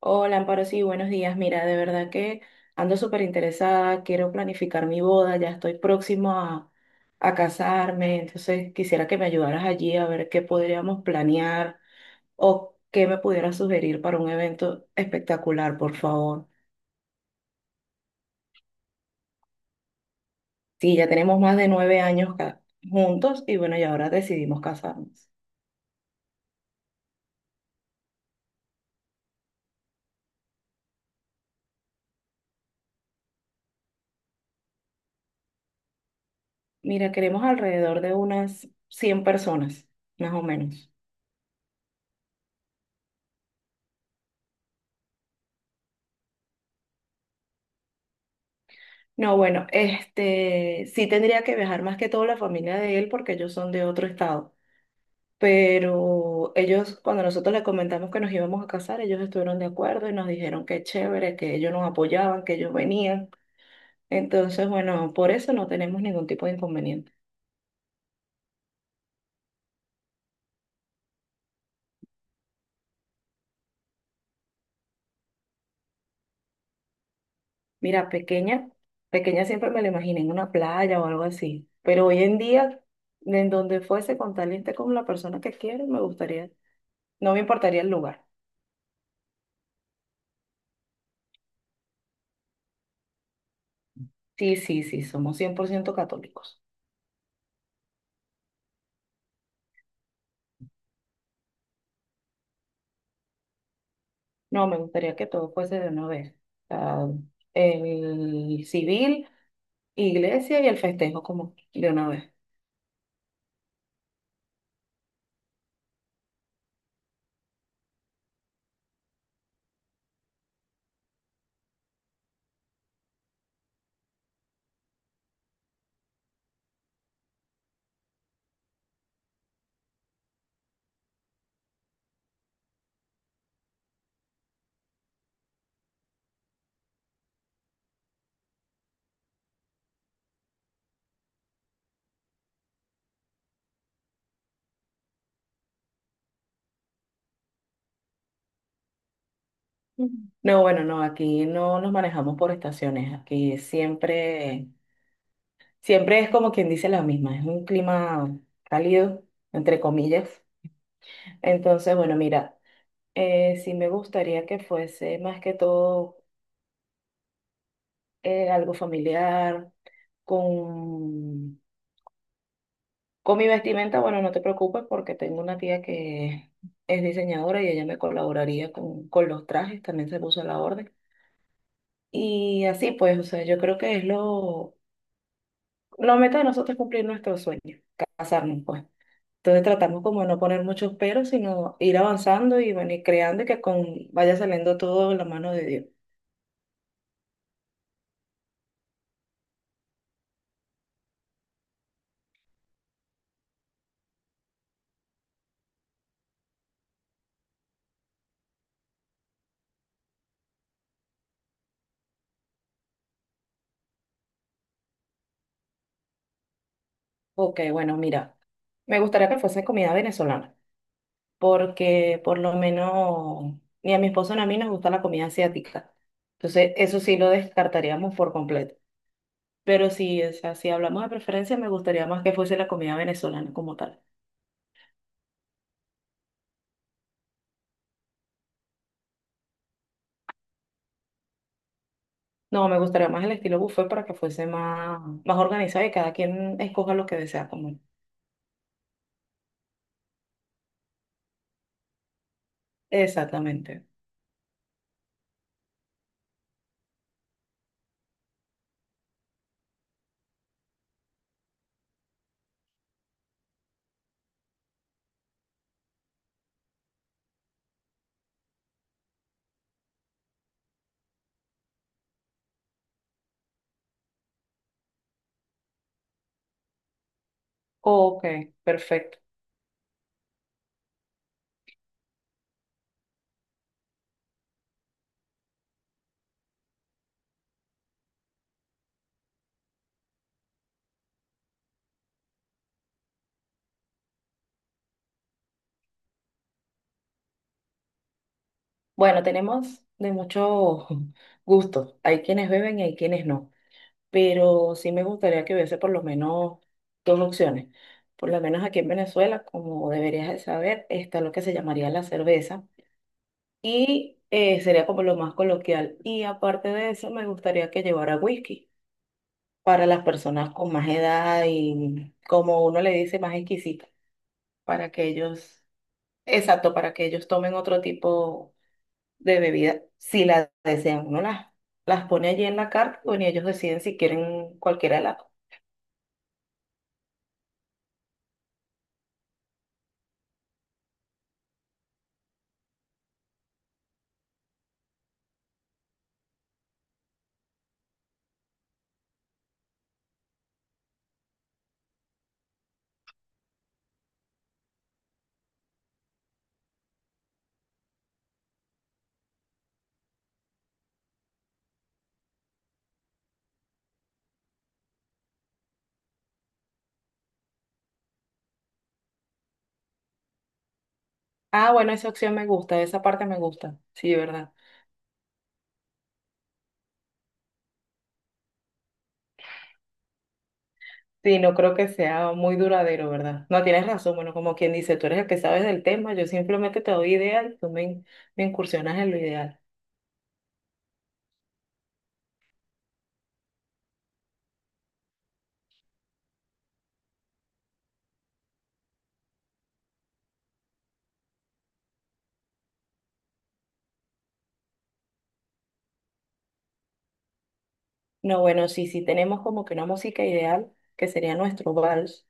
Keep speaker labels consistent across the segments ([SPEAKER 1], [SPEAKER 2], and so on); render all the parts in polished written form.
[SPEAKER 1] Hola, Amparo, sí, buenos días. Mira, de verdad que ando súper interesada, quiero planificar mi boda, ya estoy próximo a, casarme, entonces quisiera que me ayudaras allí a ver qué podríamos planear o qué me pudieras sugerir para un evento espectacular, por favor. Sí, ya tenemos más de 9 años juntos y bueno, y ahora decidimos casarnos. Mira, queremos alrededor de unas 100 personas, más o menos. No, bueno, este sí tendría que viajar más que todo la familia de él porque ellos son de otro estado. Pero ellos, cuando nosotros les comentamos que nos íbamos a casar, ellos estuvieron de acuerdo y nos dijeron que chévere, que ellos nos apoyaban, que ellos venían. Entonces, bueno, por eso no tenemos ningún tipo de inconveniente. Mira, pequeña, pequeña siempre me la imaginé en una playa o algo así. Pero hoy en día, en donde fuese con tal y esté con la persona que quiere, me gustaría, no me importaría el lugar. Sí, sí, sí, somos 100% católicos. No, me gustaría que todo fuese de una vez. O sea, el civil, iglesia y el festejo como de una vez. Ujú. No, bueno, no, aquí no nos manejamos por estaciones. Aquí siempre es como quien dice la misma. Es un clima cálido, entre comillas. Entonces, bueno, mira, sí me gustaría que fuese más que todo algo familiar. con Con mi vestimenta, bueno, no te preocupes porque tengo una tía que es diseñadora y ella me colaboraría con los trajes, también se puso a la orden. Y así pues, o sea, yo creo que la meta de nosotros es cumplir nuestros sueños, casarnos pues. Entonces tratamos como de no poner muchos peros, sino ir avanzando y bueno, y creando y vaya saliendo todo en la mano de Dios. Ok, bueno, mira, me gustaría que fuese comida venezolana, porque por lo menos ni a mi esposo ni a mí nos gusta la comida asiática. Entonces, eso sí lo descartaríamos por completo. Pero sí, o sea, si hablamos de preferencia, me gustaría más que fuese la comida venezolana como tal. No, me gustaría más el estilo buffet para que fuese más organizado y cada quien escoja lo que desea comer. Exactamente. Ok, perfecto. Bueno, tenemos de muchos gustos. Hay quienes beben y hay quienes no, pero sí me gustaría que hubiese por lo menos dos opciones. Por lo menos aquí en Venezuela, como deberías de saber, está lo que se llamaría la cerveza y sería como lo más coloquial. Y aparte de eso, me gustaría que llevara whisky para las personas con más edad y como uno le dice, más exquisita, para que ellos, exacto, para que ellos tomen otro tipo de bebida si la desean. Uno las pone allí en la carta bueno, y ellos deciden si quieren cualquiera de las. Ah, bueno, esa opción me gusta, esa parte me gusta, sí, ¿verdad? Sí, no creo que sea muy duradero, ¿verdad? No, tienes razón, bueno, como quien dice, tú eres el que sabes del tema, yo simplemente te doy ideas y tú me incursionas en lo ideal. No, bueno, sí, sí tenemos como que una música ideal, que sería nuestro vals,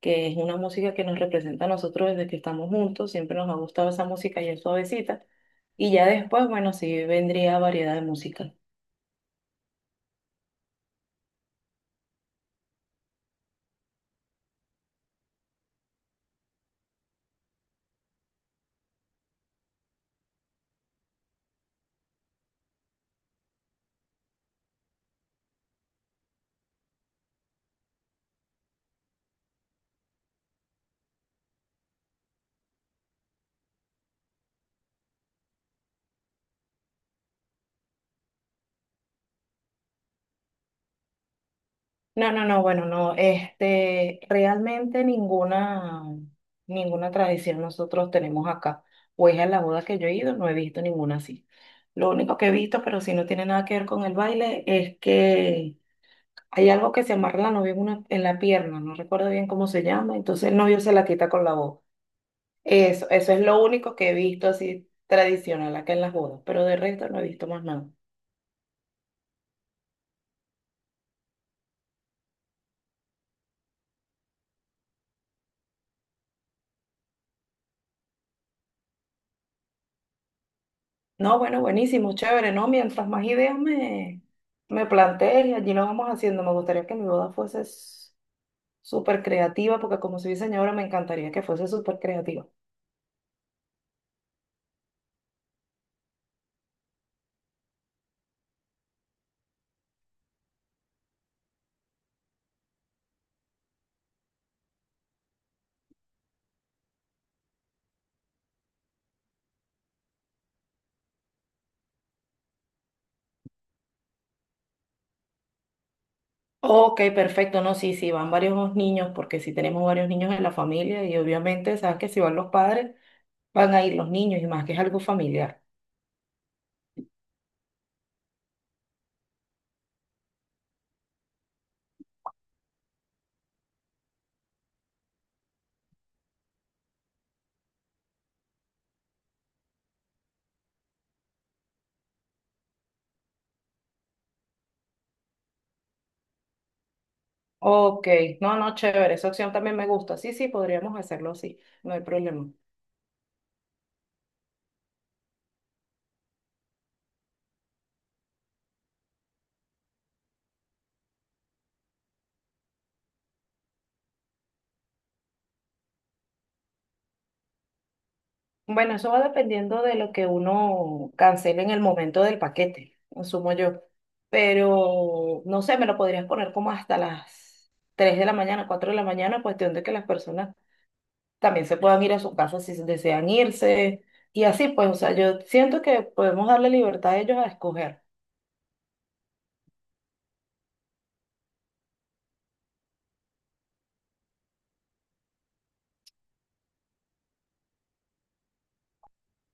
[SPEAKER 1] que es una música que nos representa a nosotros desde que estamos juntos, siempre nos ha gustado esa música y es suavecita. Y ya después, bueno, sí vendría variedad de música. No, no, no, bueno, no, realmente ninguna tradición nosotros tenemos acá. Pues a la boda que yo he ido no he visto ninguna así. Lo único que he visto, pero si no tiene nada que ver con el baile, es que hay algo que se amarra la novia en, en la pierna, no recuerdo bien cómo se llama, entonces el novio se la quita con la boca. Eso es lo único que he visto así tradicional acá en las bodas, pero de resto no he visto más nada. No, bueno, buenísimo, chévere, ¿no? Mientras más ideas me plantees y allí lo vamos haciendo. Me gustaría que mi boda fuese súper creativa, porque como soy diseñadora me encantaría que fuese súper creativa. Ok, perfecto, no, sí, sí, van varios niños, porque sí tenemos varios niños en la familia y obviamente sabes que si van los padres, van a ir los niños y más que es algo familiar. Ok, no, no, chévere, esa opción también me gusta. Sí, sí, podríamos hacerlo así, no hay problema. Bueno, eso va dependiendo de lo que uno cancele en el momento del paquete, asumo yo. Pero no sé, me lo podrías poner como hasta las 3 de la mañana, 4 de la mañana, cuestión de que las personas también se puedan ir a su casa si desean irse. Y así, pues, o sea, yo siento que podemos darle libertad a ellos a escoger.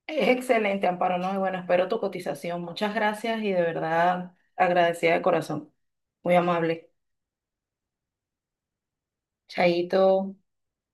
[SPEAKER 1] Es excelente, Amparo, ¿no? Y bueno, espero tu cotización. Muchas gracias y de verdad agradecida de corazón. Muy amable. Chaito.